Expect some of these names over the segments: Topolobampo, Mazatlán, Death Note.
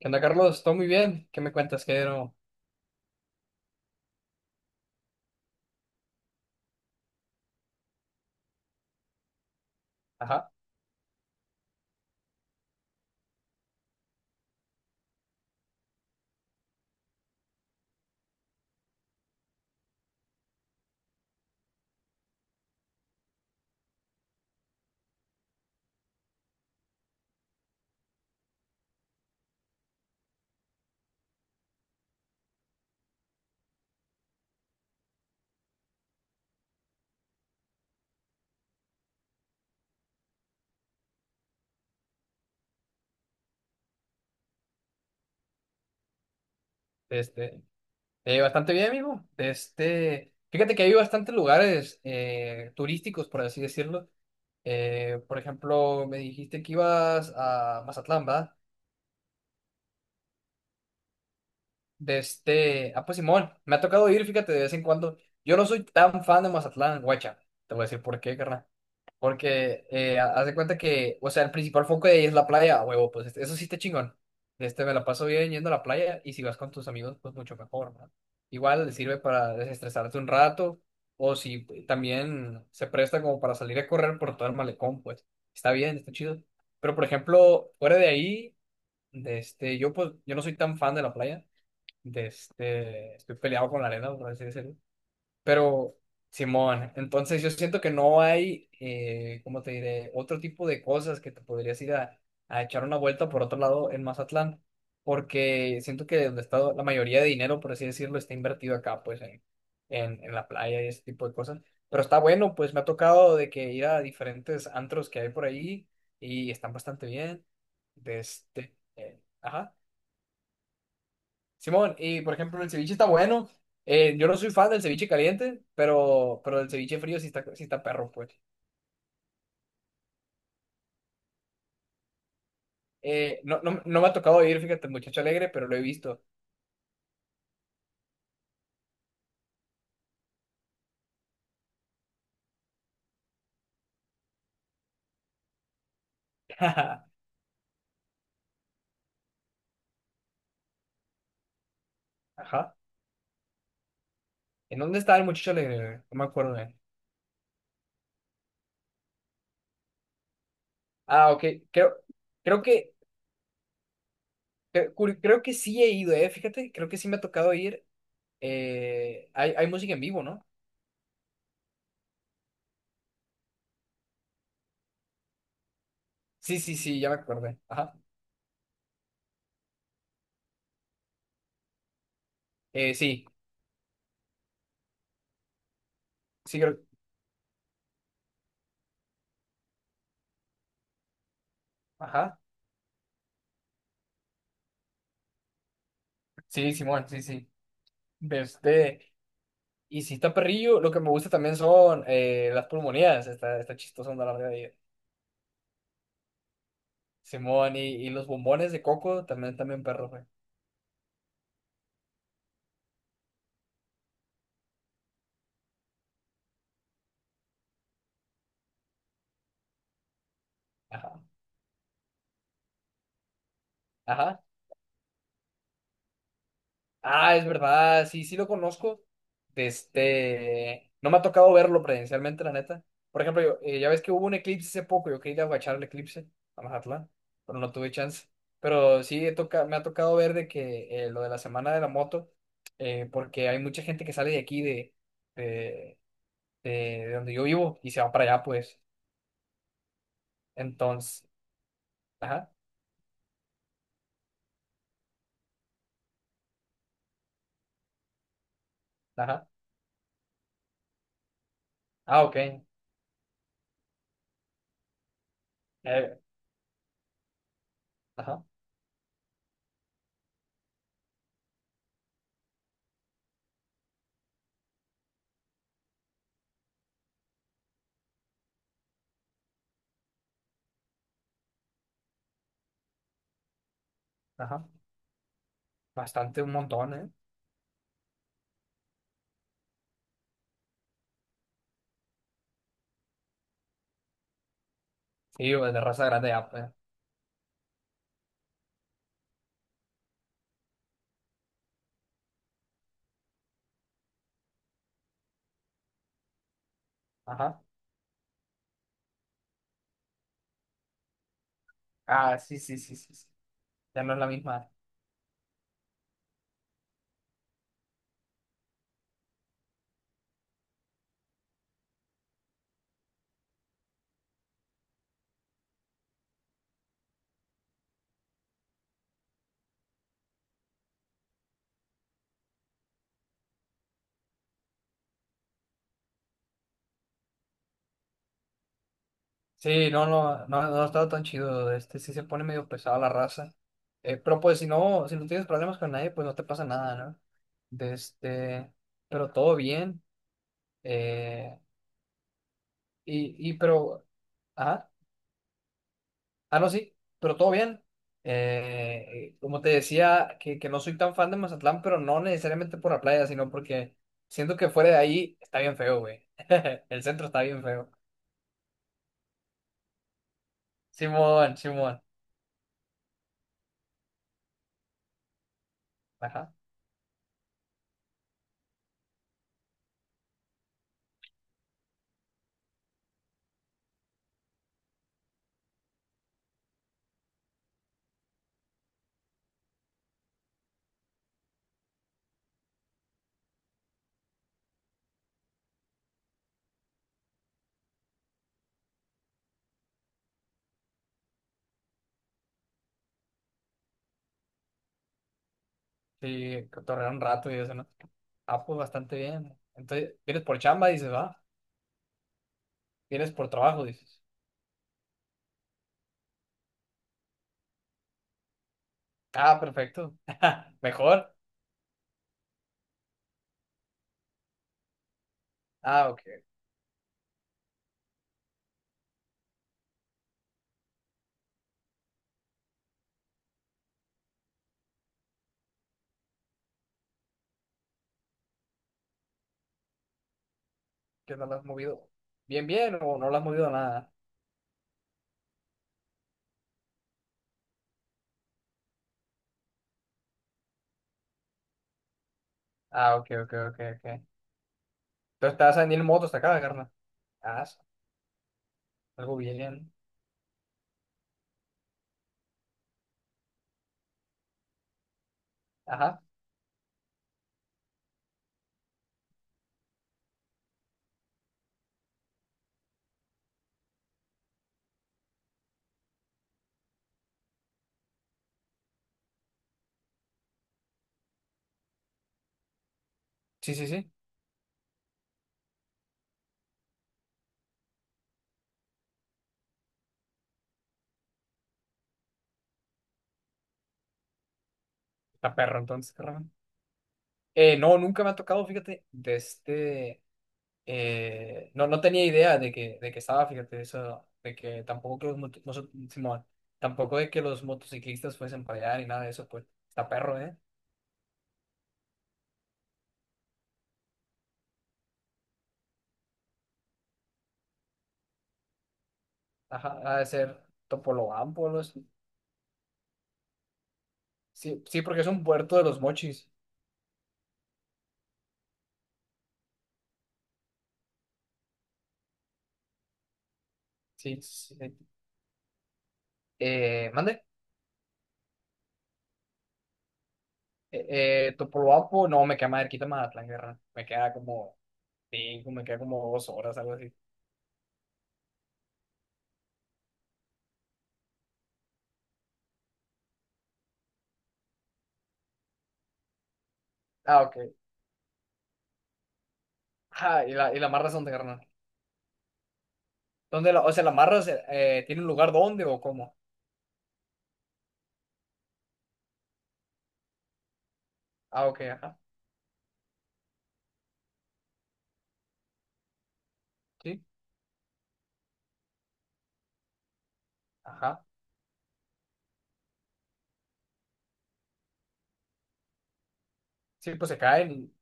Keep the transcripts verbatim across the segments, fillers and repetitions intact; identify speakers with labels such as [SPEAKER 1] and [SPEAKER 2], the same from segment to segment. [SPEAKER 1] ¿Qué onda, Carlos? Todo muy bien. ¿Qué me cuentas, ¿Qué no? Ajá, este, eh, bastante bien, amigo. Este, fíjate que hay bastantes lugares eh, turísticos, por así decirlo. Eh, por ejemplo, me dijiste que ibas a Mazatlán, ¿verdad? De este, ah, pues, Simón, me ha tocado ir, fíjate, de vez en cuando. Yo no soy tan fan de Mazatlán, guacha. Te voy a decir por qué, carnal. Porque eh, ha- haz de cuenta que, o sea, el principal foco de ahí es la playa, a huevo, pues este- eso sí está chingón. Este, me la paso bien yendo a la playa y si vas con tus amigos, pues mucho mejor, ¿no? Igual sirve para desestresarte un rato o si eh, también se presta como para salir a correr por todo el malecón, pues está bien, está chido. Pero por ejemplo, fuera de ahí, de este, yo pues yo no soy tan fan de la playa. De este, estoy peleado con la arena, por así decirlo. Pero, Simón, entonces yo siento que no hay, eh, ¿cómo te diré? Otro tipo de cosas que te podrías ir a, a echar una vuelta por otro lado en Mazatlán, porque siento que donde está la mayoría de dinero, por así decirlo, está invertido acá, pues en, en, en la playa y ese tipo de cosas. Pero está bueno, pues me ha tocado de que ir a diferentes antros que hay por ahí y están bastante bien. De este, eh, ajá. Simón, y por ejemplo, el ceviche está bueno. Eh, yo no soy fan del ceviche caliente, pero, pero el ceviche frío sí está, sí está perro, pues. Eh, no, no, no me ha tocado ir, fíjate, el muchacho alegre, pero lo he visto. Ajá. ¿En dónde está el muchacho alegre? güey? No me acuerdo de él. Ah, ok. Creo, creo que, cre- curi- creo que sí he ido, eh. Fíjate, creo que sí me ha tocado ir. Eh, hay, hay música en vivo, ¿no? Sí, sí, sí, ya me acordé. Ajá. Eh, sí, sí, creo. Ajá. Sí, Simón, sí, sí. De este. Y si está perrillo, lo que me gusta también son eh, las pulmonías. Está, está chistoso andar larga de ahí. Simón, y, y los bombones de coco también, también perro, güey. Ajá. Ajá. Ah, es verdad. Sí, sí lo conozco. De este. No me ha tocado verlo presencialmente, la neta. Por ejemplo, yo- eh, ya ves que hubo un eclipse hace poco. Yo quería ir a guachar el eclipse a Mazatlán, pero no tuve chance. Pero sí he toca- me ha tocado ver de que eh, lo de la semana de la moto, eh, porque hay mucha gente que sale de aquí de de. de, de donde yo vivo y se van para allá, pues. Entonces, ajá, ajá. Ah, ok. eh, ajá, ajá. Bastante, un montón, ¿eh? Sí, o de raza grande ya, pues. Ajá. Ah, sí, sí, sí, sí, sí. Ya no es la misma. Sí, no, no, no, no ha estado tan chido. Este sí se pone medio pesado la raza. Eh, pero pues si no, si no tienes problemas con nadie, pues no te pasa nada, ¿no? De este, pero todo bien. Eh, y, y, pero, ajá. Ah, no, sí, pero todo bien. Eh, como te decía, que, que no soy tan fan de Mazatlán, pero no necesariamente por la playa, sino porque siento que fuera de ahí está bien feo, güey. El centro está bien feo. Simón, Simón. Ajá. Sí, cotorrear un rato y eso, ¿no? Ah, pues bastante bien. Entonces, vienes por chamba, dices, va. Vienes por trabajo, dices. Ah, perfecto. Mejor. Ah, ok. ¿Qué no lo has movido? Bien, bien, o no lo has movido nada. Ah, ok, ok, ok, ok. Entonces te vas a venir en moto hasta acá, carnal. Ah, sí, algo bien. Ajá. Sí, sí, sí. Está perro entonces, carnal. Eh, no, nunca me ha tocado, fíjate, de este... eh, No, no tenía idea de que, de que, estaba, fíjate, eso, de que tampoco que los moto- mozo- Simón, tampoco de que los motociclistas fuesen para allá ni nada de eso, pues. Está perro, ¿eh? Ajá, ha de ser Topolobampo, algo así. Sí, sí, porque es un puerto de Los Mochis. Sí, sí, sí. Eh, ¿mande? Eh, eh, Topolobampo, no, me queda más cerquita Mazatlán, guerra. Me queda como cinco, me queda como dos horas, algo así. Ah, ok. Ah, y la, y la marra es donde, carnal. ¿Dónde la, o sea, la marra se- eh, tiene un lugar dónde o cómo? Ah, ok, ajá. Sí, ajá. Sí, pues se cae el,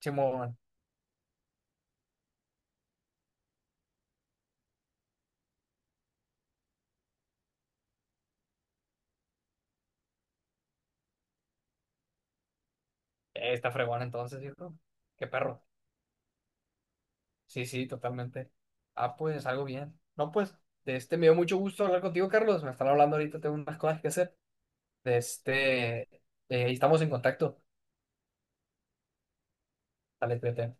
[SPEAKER 1] Simón. Eh, está fregón entonces, ¿cierto? ¡Qué perro! Sí, sí, totalmente. Ah, pues algo bien. No, pues, de este me dio mucho gusto hablar contigo, Carlos. Me están hablando ahorita, tengo unas cosas que hacer. De este, eh, Estamos en contacto. Dale, cuídate.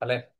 [SPEAKER 1] Dale.